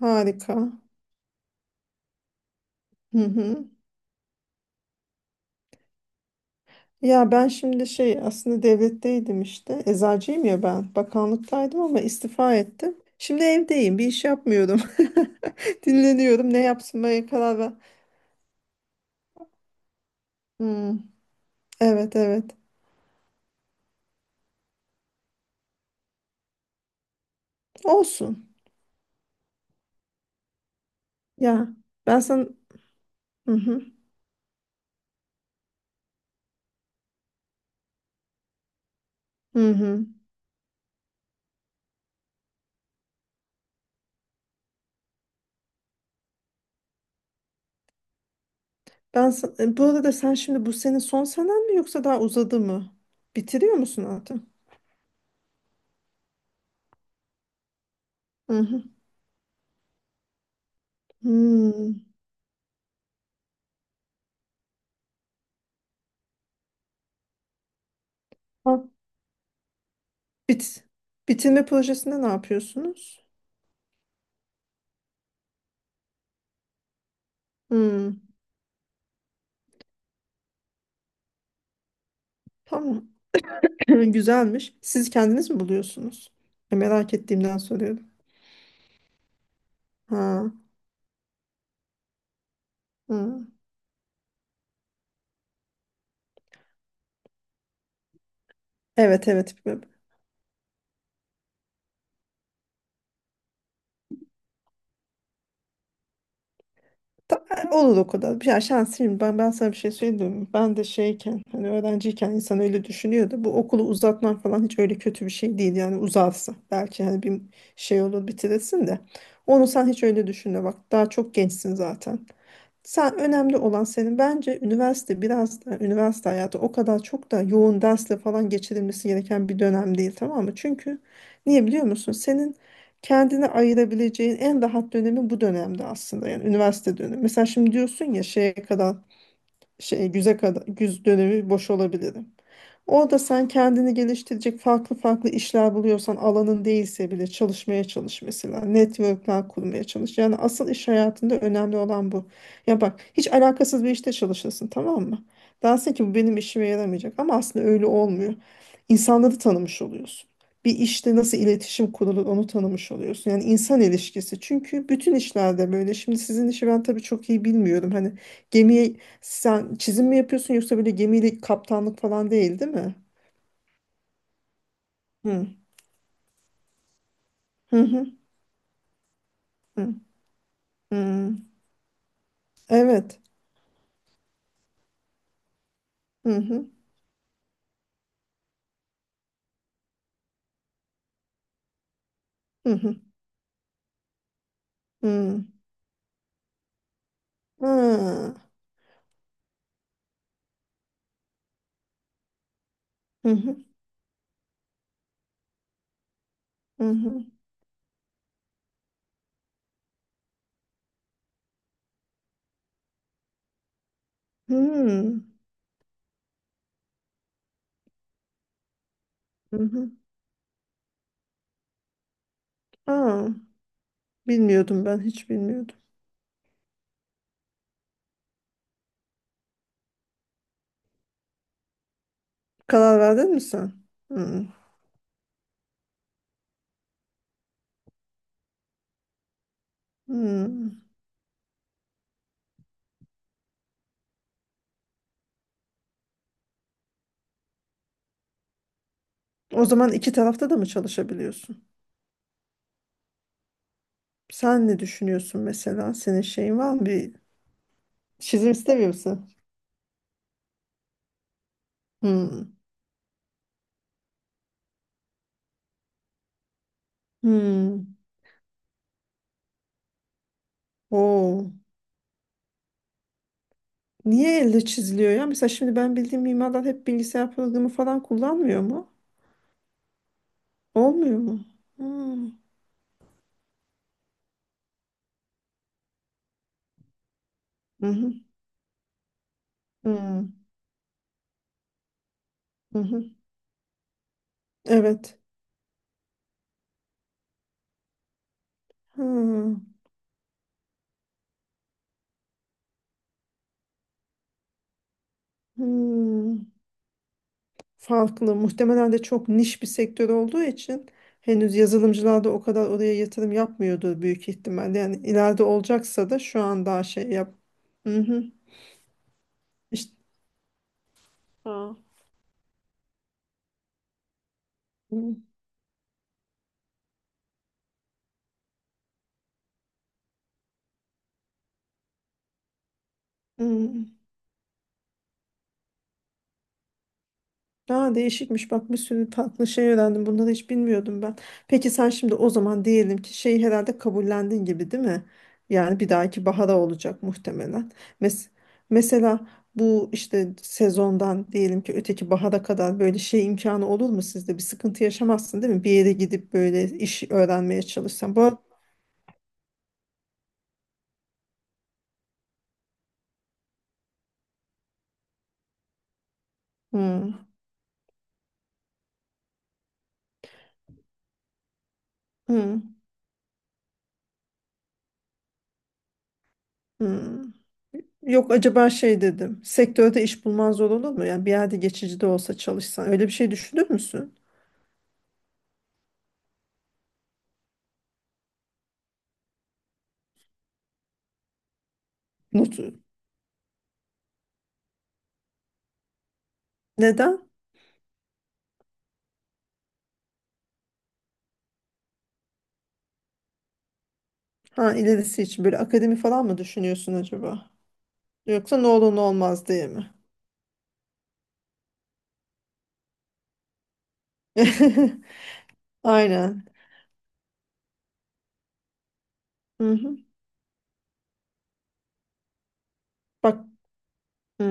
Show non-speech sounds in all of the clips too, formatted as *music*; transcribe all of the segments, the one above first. Harika. Hı hı. Ya ben şimdi şey aslında devletteydim işte. Eczacıyım ya ben. Bakanlıktaydım ama istifa ettim. Şimdi evdeyim. Bir iş yapmıyorum. *laughs* Dinleniyorum. Ne yapmaya karar ver. Hmm. Evet, evet. Olsun. Ya ben sana... Hı hı. Hı hı. Bu arada sen şimdi bu senin son senen mi yoksa daha uzadı mı? Bitiriyor musun artık? Hı hı. Hmm. Ha. Bit. Bitirme projesinde ne yapıyorsunuz? Hmm. Tamam. *clears throat* Güzelmiş. Siz kendiniz mi buluyorsunuz? Ya merak ettiğimden soruyorum. Ha. Hı. Evet, evet. Ta- Olur o kadar. Ya şanslıyım. Ben sana bir şey söyleyeyim mi? Ben de şeyken hani öğrenciyken insan öyle düşünüyordu. Bu okulu uzatman falan hiç öyle kötü bir şey değil. Yani uzarsa belki hani bir şey olur, bitirirsin de. Onu sen hiç öyle düşünme. Bak daha çok gençsin zaten. Sen önemli olan senin bence üniversite biraz da üniversite hayatı o kadar çok da yoğun dersle falan geçirilmesi gereken bir dönem değil, tamam mı? Çünkü niye biliyor musun? Senin kendine ayırabileceğin en rahat dönemi bu dönemde aslında, yani üniversite dönemi. Mesela şimdi diyorsun ya şeye kadar şey güze kadar güz dönemi boş olabilirim. Orada sen kendini geliştirecek farklı farklı işler buluyorsan alanın değilse bile çalışmaya çalış mesela. Networkler kurmaya çalış. Yani asıl iş hayatında önemli olan bu. Ya bak, hiç alakasız bir işte çalışırsın, tamam mı? Dersin ki bu benim işime yaramayacak, ama aslında öyle olmuyor. İnsanları tanımış oluyorsun. Bir işte nasıl iletişim kurulur onu tanımış oluyorsun. Yani insan ilişkisi. Çünkü bütün işlerde böyle. Şimdi sizin işi ben tabii çok iyi bilmiyorum. Hani gemiye sen çizim mi yapıyorsun yoksa böyle gemiyle kaptanlık falan değil mi? Hı hı. Hı hı. Hı. Evet. Hı hı. Hı hı. Hı. Ha. Hı hı. Hı hı. Hı. Hı hı. Ha. Bilmiyordum, ben hiç bilmiyordum. Karar verdin mi sen? Hı. Hı. O zaman iki tarafta da mı çalışabiliyorsun? Sen ne düşünüyorsun mesela? Senin şeyin var mı? Bir çizim istemiyor musun? Hı. Hı. Oo. Niye elle çiziliyor ya? Mesela şimdi ben bildiğim mimarlar hep bilgisayar programı falan kullanmıyor mu? Olmuyor mu? Hmm. Hı hı. Hı hı. Hı. Evet. Hı. Hı. Farklı. Muhtemelen de çok niş bir sektör olduğu için henüz yazılımcılar da o kadar oraya yatırım yapmıyordur büyük ihtimalle. Yani ileride olacaksa da şu an daha şey yap. Hı hı. İşte. Ha. Hı. Hı. Aa, değişikmiş, bak bir sürü farklı şey öğrendim. Bunları hiç bilmiyordum ben. Peki sen şimdi o zaman diyelim ki şeyi herhalde kabullendin gibi, değil mi? Yani bir dahaki bahara olacak muhtemelen. Mes mesela bu işte sezondan diyelim ki öteki bahara kadar böyle şey imkanı olur mu sizde? Bir sıkıntı yaşamazsın değil mi? Bir yere gidip böyle iş öğrenmeye çalışsan. Bu Hmm. Hmm. Hmm. Yok, acaba şey dedim. Sektörde iş bulman zor olur mu? Yani bir yerde geçici de olsa çalışsan. Öyle bir şey düşünür müsün? Neden? Ha, ilerisi için böyle akademi falan mı düşünüyorsun acaba? Yoksa ne olur ne olmaz diye mi? *laughs* Aynen. Hı hı. Bak. Hı.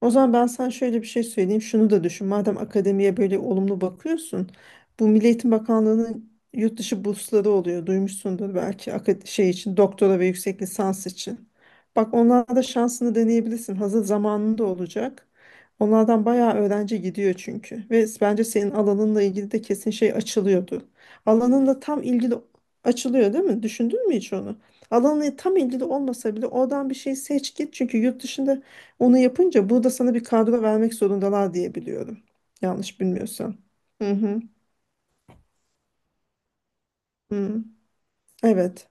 O zaman ben sana şöyle bir şey söyleyeyim. Şunu da düşün. Madem akademiye böyle olumlu bakıyorsun. Bu Milli Eğitim Bakanlığı'nın yurt dışı bursları oluyor. Duymuşsundur belki, şey için, doktora ve yüksek lisans için. Bak onlarda şansını deneyebilirsin. Hazır zamanında olacak. Onlardan bayağı öğrenci gidiyor çünkü. Ve bence senin alanınla ilgili de kesin şey açılıyordu. Alanınla tam ilgili açılıyor, değil mi? Düşündün mü hiç onu? Alanı tam ilgili olmasa bile oradan bir şey seç git. Çünkü yurt dışında onu yapınca burada sana bir kadro vermek zorundalar diye biliyorum. Yanlış bilmiyorsam. Hı hı. Hı. Evet.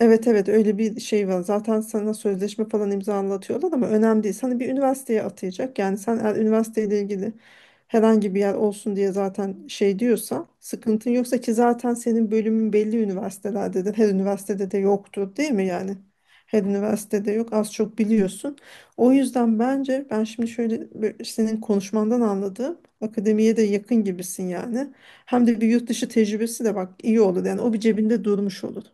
Evet, öyle bir şey var. Zaten sana sözleşme falan imzalatıyorlar ama önemli değil. Sana bir üniversiteye atayacak. Yani sen eğer üniversiteyle ilgili herhangi bir yer olsun diye zaten şey diyorsa, sıkıntın yoksa, ki zaten senin bölümün belli üniversitelerdedir. Her üniversitede de yoktur değil mi yani? Her üniversitede yok, az çok biliyorsun. O yüzden bence ben şimdi şöyle bir- senin konuşmandan anladığım akademiye de yakın gibisin yani. Hem de bir yurt dışı tecrübesi de, bak iyi olur yani, o bir cebinde durmuş olur.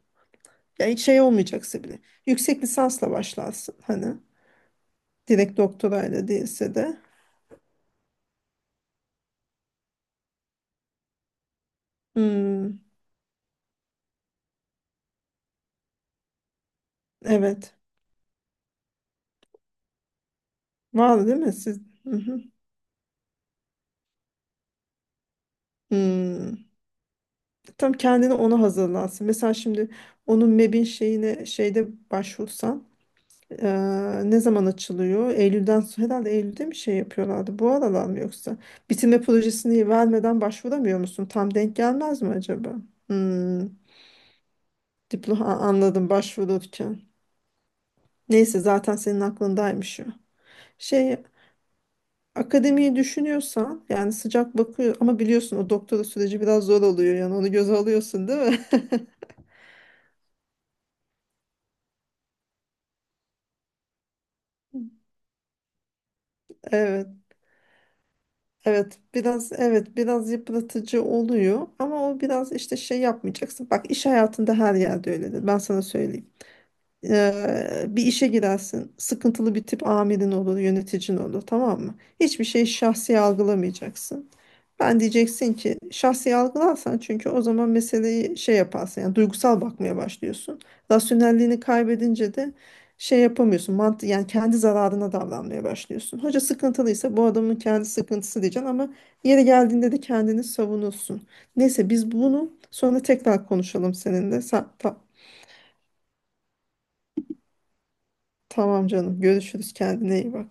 Ya hiç şey olmayacaksa bile. Yüksek lisansla başlarsın hani. Direkt doktorayla değilse de. Hmm, evet. Var değil mi siz? Hı hı. Hmm. Tam kendini ona hazırlansın. Mesela şimdi onun MEB'in şeyine şeyde başvursan ne zaman açılıyor? Eylül'den sonra herhalde, Eylül'de mi şey yapıyorlardı? Bu aralar mı yoksa? Bitirme projesini vermeden başvuramıyor musun? Tam denk gelmez mi acaba? Hmm. Diploma, anladım, başvururken. Neyse zaten senin aklındaymış o. Şey, akademiyi düşünüyorsan yani sıcak bakıyor, ama biliyorsun o doktora süreci biraz zor oluyor, yani onu göze alıyorsun değil mi? *laughs* Evet. Evet biraz yıpratıcı oluyor, ama o biraz işte şey yapmayacaksın. Bak iş hayatında her yerde öyledir, ben sana söyleyeyim. Bir işe girersin, sıkıntılı bir tip amirin olur, yöneticin olur, tamam mı? Hiçbir şeyi şahsi algılamayacaksın. Ben diyeceksin ki, şahsi algılarsan çünkü o zaman meseleyi şey yaparsın, yani duygusal bakmaya başlıyorsun. Rasyonelliğini kaybedince de şey yapamıyorsun, mantı yani, kendi zararına davranmaya başlıyorsun. Hoca sıkıntılıysa bu adamın kendi sıkıntısı diyeceksin, ama yeri geldiğinde de kendini savunursun. Neyse biz bunu sonra tekrar konuşalım seninle. Tamam canım, görüşürüz, kendine iyi bak.